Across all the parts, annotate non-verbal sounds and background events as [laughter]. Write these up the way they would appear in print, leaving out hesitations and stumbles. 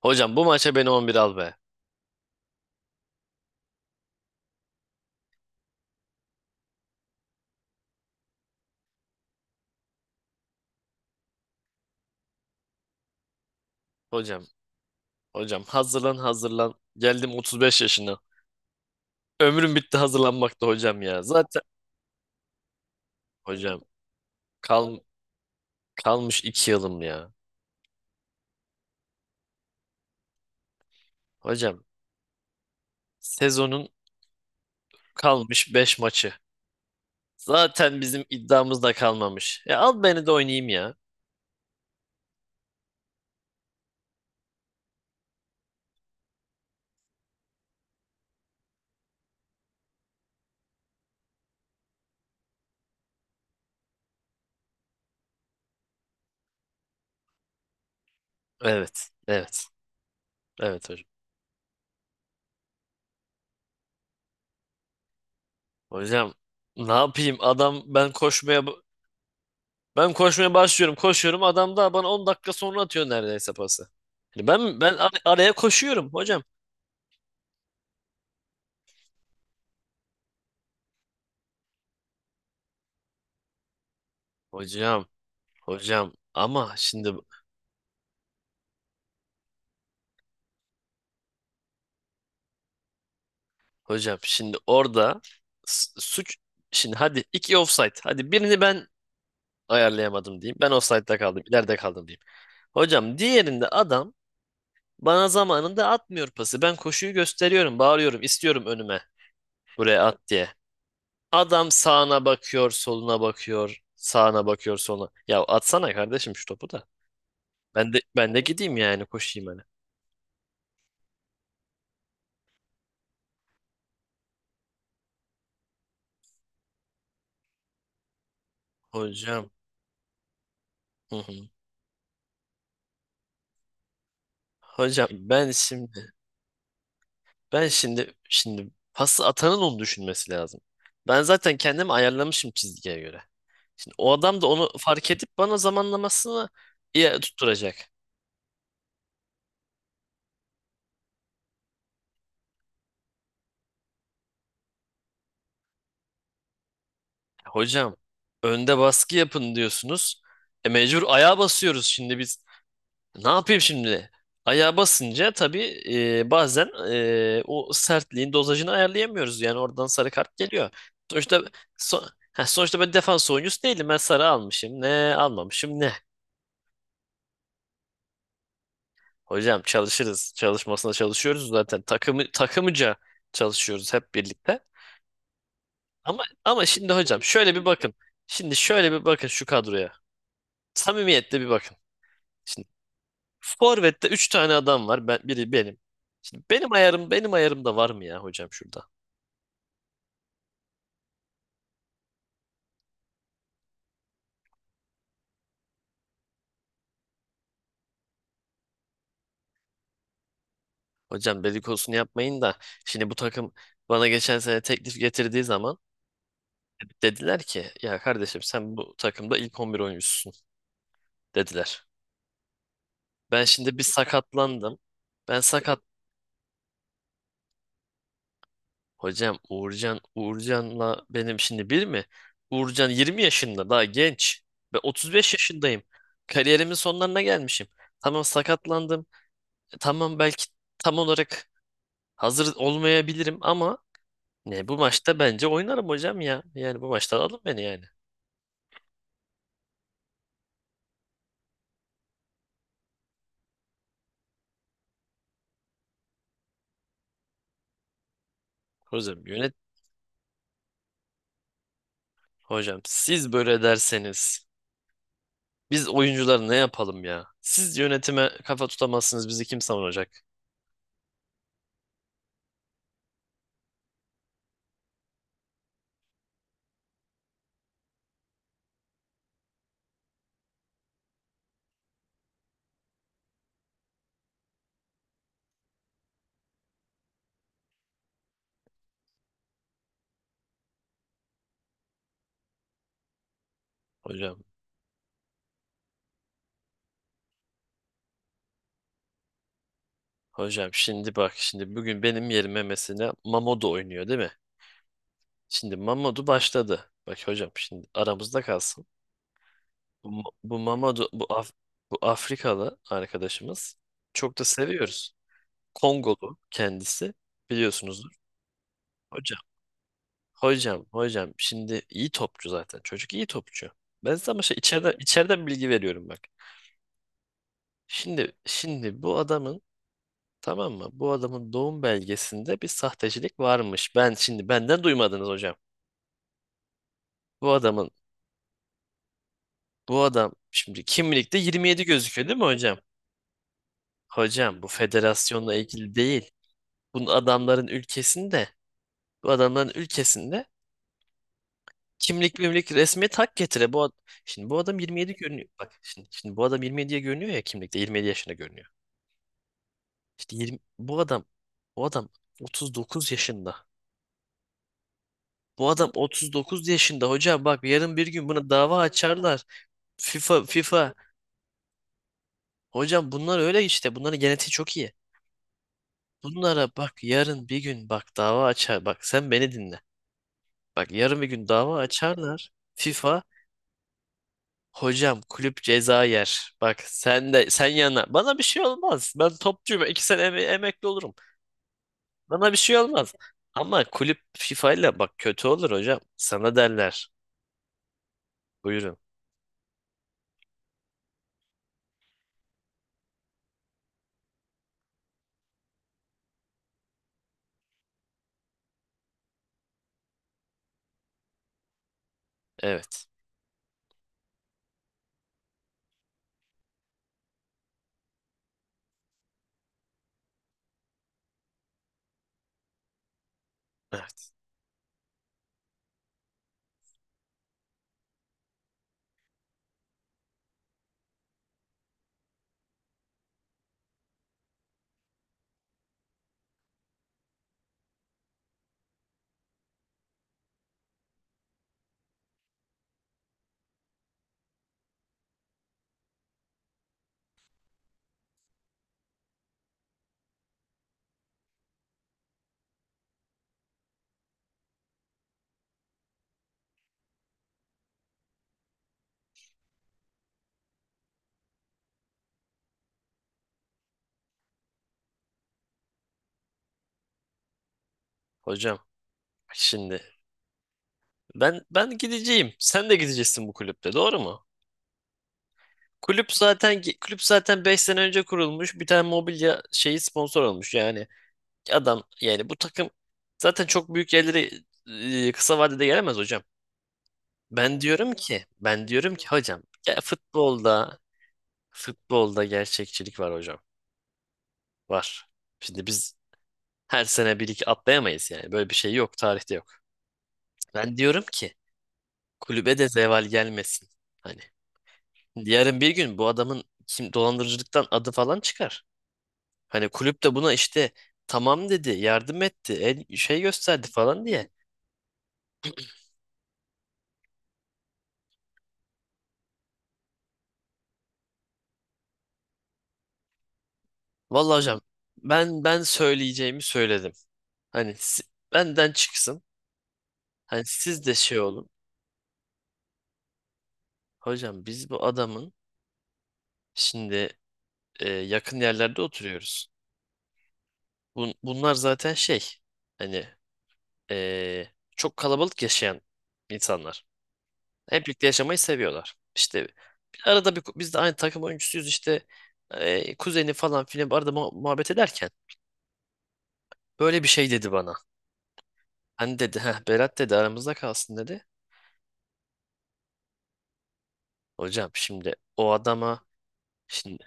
Hocam, bu maça beni 11 al be. Hocam, hocam, hazırlan hazırlan. Geldim 35 yaşına. Ömrüm bitti hazırlanmakta hocam ya. Zaten hocam kal, kalmış 2 yılım ya. Hocam, sezonun kalmış beş maçı. Zaten bizim iddiamız da kalmamış. Ya al beni de oynayayım ya. Evet, evet, evet, hocam. Hocam, ne yapayım? Adam, ben koşmaya başlıyorum, koşuyorum, adam da bana 10 dakika sonra atıyor neredeyse pası. Yani ben araya koşuyorum hocam. Hocam hocam, ama şimdi orada suç, şimdi, hadi iki offside, hadi birini ben ayarlayamadım diyeyim. Ben offside'da kaldım, ileride kaldım diyeyim. Hocam, diğerinde adam bana zamanında atmıyor pası. Ben koşuyu gösteriyorum, bağırıyorum, istiyorum önüme, buraya at diye. Adam sağına bakıyor, soluna bakıyor, sağına bakıyor, soluna. Ya atsana kardeşim şu topu da. Ben de gideyim yani, koşayım hani. Hocam. Hı hı. Hocam ben şimdi ben şimdi şimdi pası atanın onu düşünmesi lazım. Ben zaten kendimi ayarlamışım çizgiye göre. Şimdi o adam da onu fark edip bana zamanlamasını iyi tutturacak. Hocam, önde baskı yapın diyorsunuz. E, mecbur ayağa basıyoruz şimdi biz. Ne yapayım şimdi? Ayağa basınca tabii bazen o sertliğin dozajını ayarlayamıyoruz. Yani oradan sarı kart geliyor. Sonuçta ha, sonuçta ben defans oyuncusu değilim. Ben sarı almışım. Ne almamışım ne? Hocam, çalışırız. Çalışmasına çalışıyoruz zaten. Takımı takımıca çalışıyoruz hep birlikte. Ama şimdi hocam, şöyle bir bakın. Şimdi şöyle bir bakın şu kadroya. Samimiyetle bir bakın. Şimdi forvette 3 tane adam var. Ben, biri benim. Şimdi benim ayarımda var mı ya hocam şurada? Hocam, dedikodusunu yapmayın da şimdi bu takım bana geçen sene teklif getirdiği zaman dediler ki, ya kardeşim, sen bu takımda ilk 11 oyuncusun dediler. Ben şimdi bir sakatlandım. Ben sakat. Hocam, Uğurcan'la benim şimdi bir mi? Uğurcan 20 yaşında, daha genç. Ben 35 yaşındayım. Kariyerimin sonlarına gelmişim. Tamam, sakatlandım. E, tamam, belki tam olarak hazır olmayabilirim, ama ne, bu maçta bence oynarım hocam ya. Yani bu maçta alın beni yani. Hocam yönet Hocam, siz böyle derseniz biz oyuncular ne yapalım ya? Siz yönetime kafa tutamazsınız, bizi kim savunacak hocam? Hocam, şimdi bak, şimdi bugün benim yerime mesela Mamodu oynuyor değil mi? Şimdi Mamodu başladı. Bak hocam, şimdi aramızda kalsın. Bu, bu Mamodu bu, Af- Bu Afrikalı arkadaşımız, çok da seviyoruz. Kongolu kendisi, biliyorsunuzdur. Hocam hocam, şimdi iyi topçu zaten, çocuk iyi topçu. Ben size ama şey içeriden, içeriden bilgi veriyorum bak. Şimdi bu adamın, tamam mı? Bu adamın doğum belgesinde bir sahtecilik varmış. Ben şimdi, benden duymadınız hocam. Bu adamın Bu adam şimdi kimlikte 27 gözüküyor değil mi hocam? Hocam, bu federasyonla ilgili değil. Bu adamların ülkesinde Bu adamların ülkesinde kimlik mimlik, resmiyet hak getire. Şimdi bu adam 27 görünüyor. Bak şimdi, bu adam 27'ye görünüyor ya, kimlikte 27 yaşında görünüyor. Bu adam bu adam 39 yaşında. Bu adam 39 yaşında hocam, bak yarın bir gün buna dava açarlar. FIFA hocam, bunlar öyle işte, bunların genetiği çok iyi. Bunlara bak, yarın bir gün bak, dava açar. Bak sen beni dinle. Bak yarın bir gün dava açarlar. FIFA hocam, kulüp ceza yer. Bak sen de sen yana. Bana bir şey olmaz. Ben topçuyum. 2 sene emekli olurum. Bana bir şey olmaz. Ama kulüp FIFA ile bak, kötü olur hocam. Sana derler. Buyurun. Evet. Evet. Hocam şimdi ben gideceğim. Sen de gideceksin bu kulüpte. Doğru mu? Kulüp zaten 5 sene önce kurulmuş. Bir tane mobilya şeyi sponsor olmuş. Yani adam, yani bu takım zaten çok büyük yerlere kısa vadede gelemez hocam. Ben diyorum ki hocam ya, futbolda, gerçekçilik var hocam. Var. Şimdi biz her sene bir iki atlayamayız yani. Böyle bir şey yok. Tarihte yok. Ben diyorum ki, kulübe de zeval gelmesin. Hani yarın bir gün bu adamın kim dolandırıcılıktan adı falan çıkar. Hani kulüp de buna işte tamam dedi, yardım etti, el, şey gösterdi falan diye. Vallahi hocam, ben söyleyeceğimi söyledim. Hani si- Benden çıksın. Hani siz de şey olun. Hocam, biz bu adamın şimdi yakın yerlerde oturuyoruz. Bunlar zaten şey, hani e, çok kalabalık yaşayan insanlar. Hep birlikte yaşamayı seviyorlar. İşte arada bir, biz de aynı takım oyuncusuyuz işte, kuzeni falan filan, arada muhabbet ederken böyle bir şey dedi bana. Hani dedi, heh, Berat dedi, aramızda kalsın dedi. Hocam şimdi o adama, şimdi,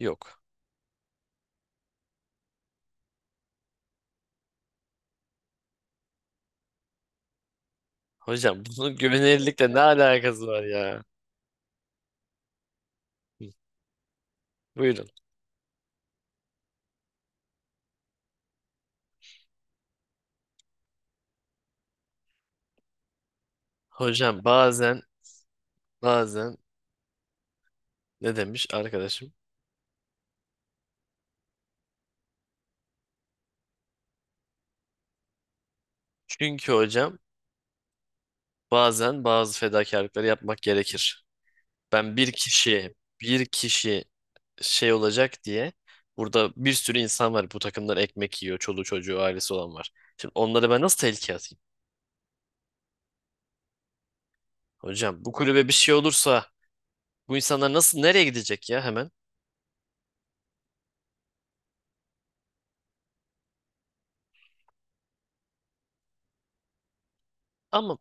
yok. Hocam [laughs] bunun güvenilirlikle ne alakası var ya? Hı, buyurun. Hocam bazen, bazen ne demiş arkadaşım? Çünkü hocam bazen bazı fedakarlıkları yapmak gerekir. Ben bir kişi Bir kişi şey olacak diye, burada bir sürü insan var, bu takımdan ekmek yiyor. Çoluğu çocuğu ailesi olan var. Şimdi onları ben nasıl tehlikeye atayım? Hocam, bu kulübe bir şey olursa bu insanlar nasıl, nereye gidecek ya hemen? Tamam.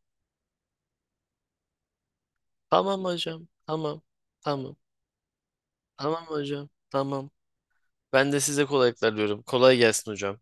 Tamam hocam. Tamam. Tamam. Tamam hocam. Tamam. Ben de size kolaylıklar diyorum. Kolay gelsin hocam.